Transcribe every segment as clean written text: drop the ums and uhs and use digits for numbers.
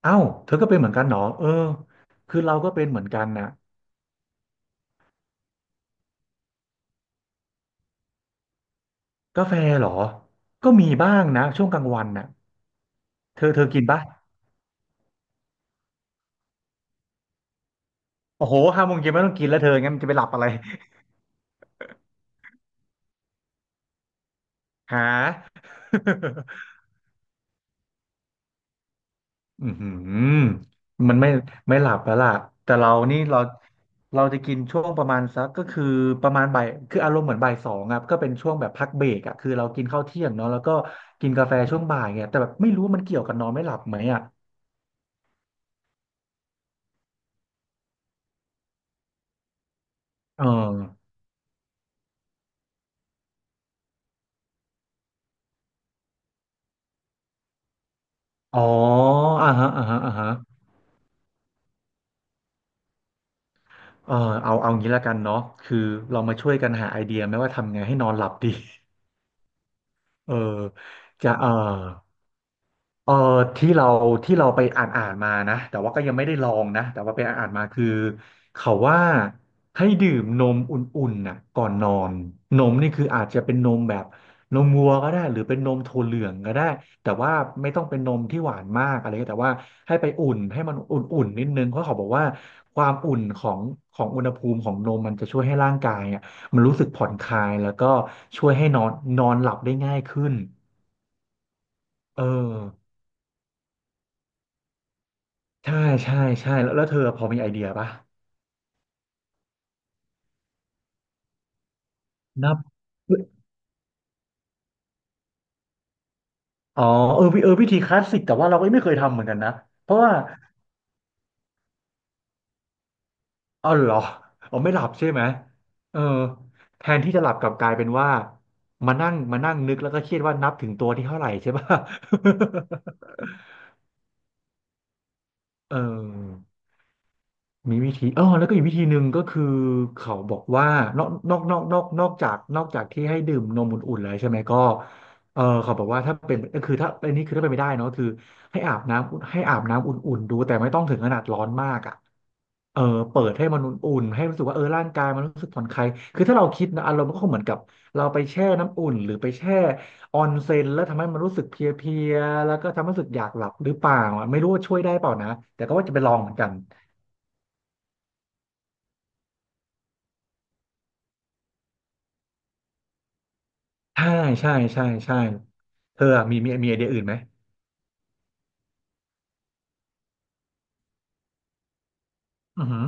เอ้าเธอก็เป็นเหมือนกันเหรอเออคือเราก็เป็นเหมือนกันนะกาแฟเหรอก็มีบ้างนะช่วงกลางวันน่ะเธอกินปะโอ้โหห้าโมงเย็นไม่ต้องกินแล้วเธองั้นจะไปหลับอะไร หาอือหือมันไม่หลับแล้วล่ะแต่เรานี่เราเราจะกินช่วงประมาณสักก็คือประมาณบ่ายคืออารมณ์เหมือนบ่ายสองครับก็เป็นช่วงแบบพักเบรกอ่ะคือเรากินข้าวเที่ยงเนาะแล้วก็กินกาแฟช่วงบ่ายไงแต่แบบไม่รู้ว่ามันเกี่ยวกับนอนไม่หลับไหมอ่ะเออ อ๋ออ่าฮะอ่าฮะอ่าฮะเออเอาเอางี้ละกันเนาะคือเรามาช่วยกันหาไอเดียไหมว่าทำไงให้นอนหลับดี เออจะเออ เออที่เราที่เราไปอ่านอ่านมานะแต่ว่าก็ยังไม่ได้ลองนะแต่ว่าไปอ่านอ่านมาคือเขาว่าให้ดื่มนมอุ่นๆน่ะก่อนนอนนมนี่คืออาจจะเป็นนมแบบนมวัวก็ได้หรือเป็นนมถั่วเหลืองก็ได้แต่ว่าไม่ต้องเป็นนมที่หวานมากอะไรเงี้ยแต่ว่าให้ไปอุ่นให้มันอุ่นๆนิดนึงเพราะเขาบอกว่าความอุ่นของของอุณหภูมิของนมมันจะช่วยให้ร่างกายอ่ะมันรู้สึกผ่อนคลายแล้วก็ช่วยให้นอนนอนหลับได้ง่ายขึ้นเออ ใช่ใช่ใช่แล้วเธอพอมีไอเดียปะนับอ๋อเออวิธีคลาสสิกแต่ว่าเราก็ไม่เคยทำเหมือนกันนะเพราะว่าเอาเหรออ๋อไม่หลับใช่ไหมเออแทนที่จะหลับกลับกลายเป็นว่ามานั่งนึกแล้วก็เครียดว่านับถึงตัวที่เท่าไหร่ใช่ปะ เออ มีวิธีเออแล้วก็อีกวิธีหนึ่งก็คือเขาบอกว่านอกนอกนอกนอกนอกจากนอกจากที่ให้ดื่มนมอุ่นๆแล้วใช่ไหมก็เออเขาบอกว่าถ้าเป็นก็คือถ้าอันนี้คือถ้าเป็นไม่ได้เนอะคือให้อาบน้ำอุ่นๆดูแต่ไม่ต้องถึงขนาดร้อนมากอ่ะเออเปิดให้มันอุ่นๆให้รู้สึกว่าเออร่างกายมันรู้สึกผ่อนคลายคือถ้าเราคิดนะอารมณ์มันก็คงเหมือนกับเราไปแช่น้ำอุ่นหรือไปแช่ออนเซ็นแล้วทำให้มันรู้สึกเพลียๆแล้วก็ทำให้รู้สึกอยากหลับหรือเปล่าอะไม่รู้ว่าช่วยได้เปล่านะแต่ก็ว่าจะไปลองเหมือนกัน ใช่ใช่ใช่ใช่เธออะมีไอเดียอื่นไหมอือหือ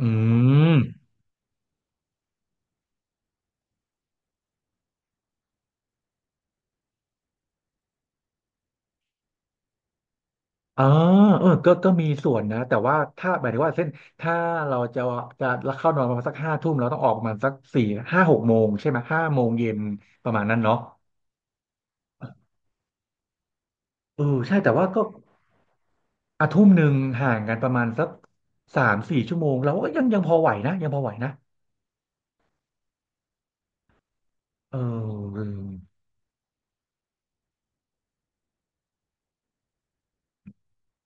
อืมอ๋อเออก็ก็มีส่วนนะแต่ว่าถ้าหมายถึงว่าเส้นถ้าเราจะจะเข้านอนประมาณสักห้าทุ่มเราต้องออกประมาณสักสี่ห้าหกโมงใช่ไหมห้าโมงเย็นประมาณนั้นเนาะเออใช่แต่ว่าก็อาทุ่มหนึ่งห่างกันประมาณสักสามสี่ชั่วโมงเราก็ยังพอไหวนะยังพอไหวนะเออ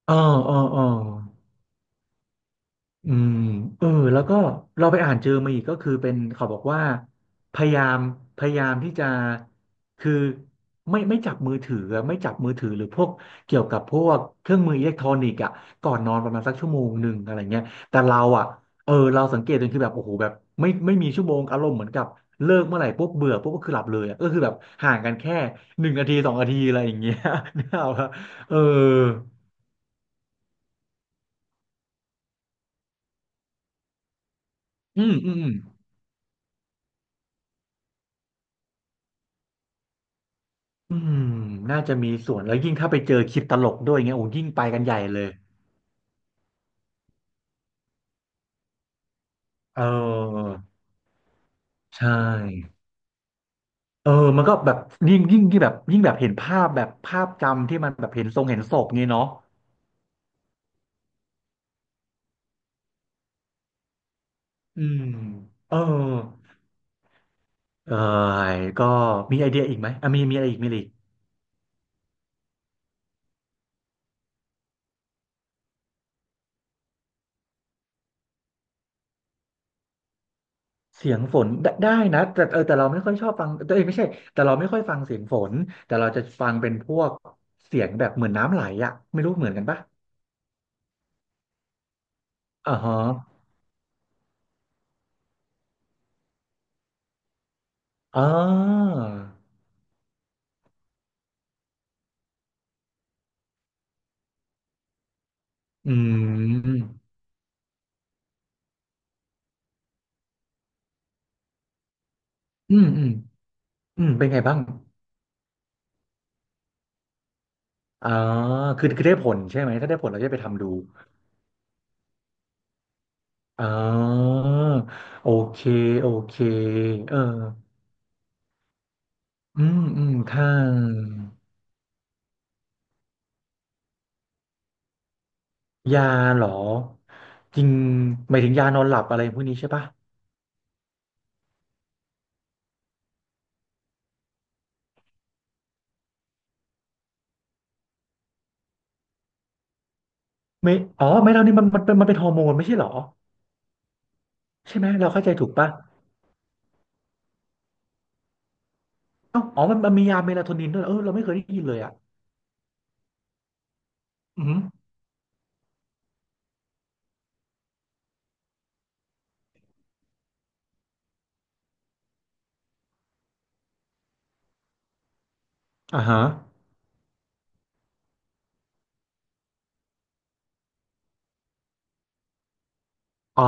เออเออเออ อืมเออแล้วก็เราไปอ่านเจอมาอีกก็คือเป็นเขาบอกว่าพยายามพยายามที่จะคือไม่จับมือถืออะไม่จับมือถือหรือพวกเกี่ยวกับพวกเครื่องมืออิเล็กทรอนิกส์อ่ะก่อนนอนประมาณสักชั่วโมงหนึ่งอะไรเงี้ยแต่เราอ่ะเออเราสังเกตจนคือแบบโอ้โหแบบไม่มีชั่วโมงอารมณ์เหมือนกับเลิกเมื่อไหร่ปุ๊บเบื่อปุ๊บก็คือหลับเลยอะก็คือแบบห่างกันแค่หนึ่งนาทีสองนาทีอะไรอย่างเงี้ย นี่เอาครับเอออืมอืม อืมน่าจะมีส่วนแล้วยิ่งถ้าไปเจอคลิปตลกด้วยเงี้ยโอ้ยิ่งไปกันใหญ่เลยเออใช่เออมันก็แบบยิ่งที่แบบยิ่งแบบเห็นภาพแบบภาพจำที่มันแบบเห็นทรงเห็นศพงี้เนาะอืมเออเออก็มีไอเดียอีกไหมอ่ะมีมีอะไรอีกเสียงฝนได้ได้นะแต่เออแต่เราไม่ค่อยชอบฟังเออไม่ใช่แต่เราไม่ค่อยฟังเสียงฝน แต่เราจะฟังเป็นพวกเสียงแบบเหมือนน้ำไหลอะไม่รู้เหมือนกันปะอ่าฮะอ๋อ อืมอืมอืมเป็นไงบ้างอ่าคือได้ผลใช่ไหม ถ้าได้ผลเราจะไปทำดูอ่าโอเค โอเคเอออืมถ้ายาเหรอจริงหมายถึงยานอนหลับอะไรพวกนี้ใช่ปะไม่อ๋อไม่เท่านี้มันเป็นมันเป็นฮอร์โมนไม่ใช่เหรอ ใช่ไหม เราเข้าใจถูกปะเอ้าอ๋อมันมียาเมลาโทนินด้วยเหรอเออเราไม่เคยได้ยินเลยอ่ะอืมอหืออ่าฮะอ๋อ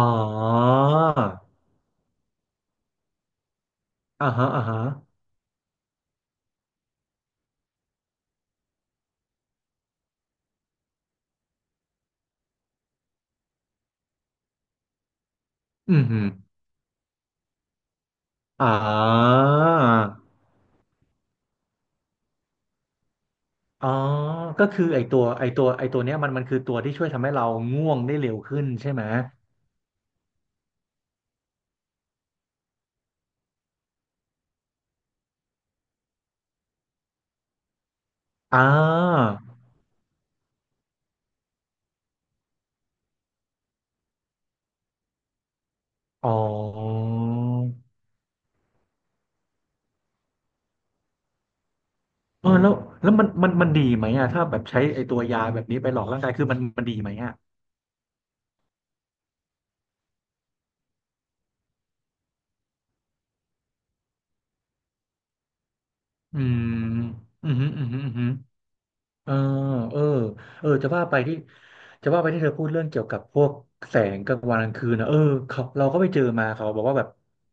อ่าฮะอ่าฮะอืม อ่าอ๋อก็คือไอตัวเนี้ยมันคือตัวที่ช่วยทำให้เราง่วงได้เร็วขึ้นใช่ไหมอ่าอ๋อเออแล้วมันดีไหมอ่ะถ้าแบบใช้ไอตัวยาแบบนี้ไปหลอกร่างกายคือมันดีไหมอ่ะอืมอืมอหืมออืมอหืม เออเออเออจะว่าไปที่เธอพูดเรื่องเกี่ยวกับพวกแสงกลางวันกลางคืนนะเออเขาเราก็ไปเจอมาเขาบอกว่าแบบ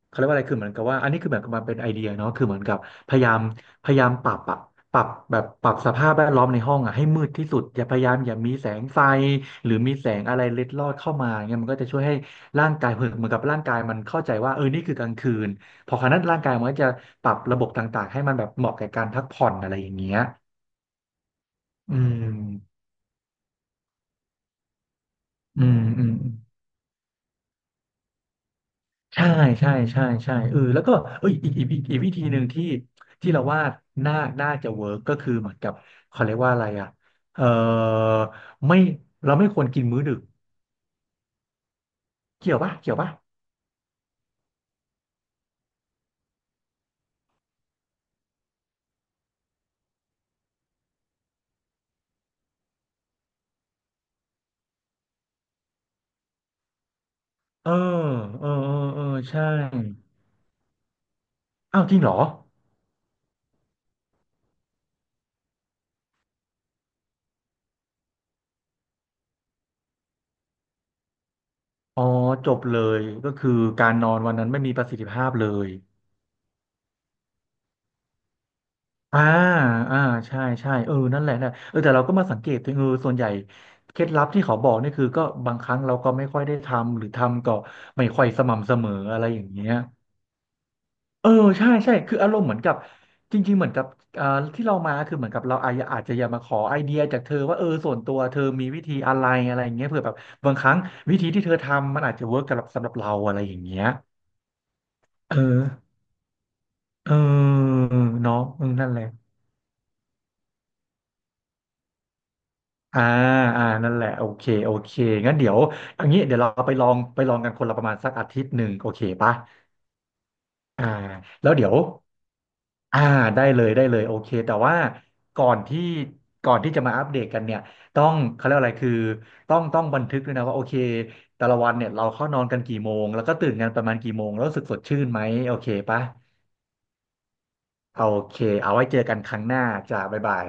เขาเรียกว่าอะไรคือเหมือนกับว่าอันนี้คือเบอบมันเป็นไอเดียเนาะคือเหมือนกับพยายามพยายามปรับสภาพแวดล้อมในห้องอะให้มืดที่สุดอย่าพยายามอย่ามีแสงไฟหรือมีแสงอะไรเล็ดลอดเข้ามาเงี้ยมันก็จะช่วยให้ร่างกายเหมือนกับร่างกายมันเข้าใจว่าเออนี่คือกลางคืนพอครั้งนั้นร่างกายมันก็จะปรับระบบต่างๆให้มันแบบเหมาะแก่การพักผ่อนอะไรอย่างเงี้ยอืม อืมอืมใช่ใช่ใช่เออแล้วก็เอ้ยอีกอีกวิธีหนึ่งที่ที่เราว่าน่าน่าจะเวิร์กก็คือเหมือนกับเขาเรียกว่าอะไรอ่ะเออไม่เราไม่ควรกินมื้อดึกเกี่ยวปะเออเออใช่อ้าวจริงเหรออ๋อจบเลยก็คือการนอนวันนั้นไม่มีประสิทธิภาพเลย อ่าอ่าใช่ใช่เออนั่นแหละนะเออแต่เราก็มาสังเกตตัวเองเออส่วนใหญ่เคล็ดลับที่เขาบอกนี่คือก็บางครั้งเราก็ไม่ค่อยได้ทำหรือทำก็ไม่ค่อยสม่ำเสมออะไรอย่างเงี้ยเออใช่คืออารมณ์เหมือนกับจริงๆเหมือนกับอ่าที่เรามาคือเหมือนกับเราอาจจะอยากมาขอไอเดียจากเธอว่าเออส่วนตัวเธอมีวิธีอะไรอะไรอย่างเงี้ยเผื่อแบบบางครั้งวิธีที่เธอทำมันอาจจะเวิร์กสำหรับเราอะไรอย่างเงี้ยเออเออเนาะอืมนั่นแหละ อ่าอ่านั่นแหละโอเคโอเคงั้นเดี๋ยวอย่างนี้เดี๋ยวเราไปลองกันคนละประมาณสักอาทิตย์หนึ่งโอเคปะอ่าแล้วเดี๋ยวอ่าได้เลยโอเคแต่ว่าก่อนที่ก่อนที่จะมาอัปเดตกันเนี่ยต้องเขาเรียกอะไรคือต้องบันทึกด้วยนะว่าโอเคแต่ละวันเนี่ยเราเข้านอนกันกี่โมงแล้วก็ตื่นกันประมาณกี่โมงแล้วรู้สึกสดชื่นไหมโอเคปะโอเคเอาไว้เจอกันครั้งหน้าจ้าบ๊ายบาย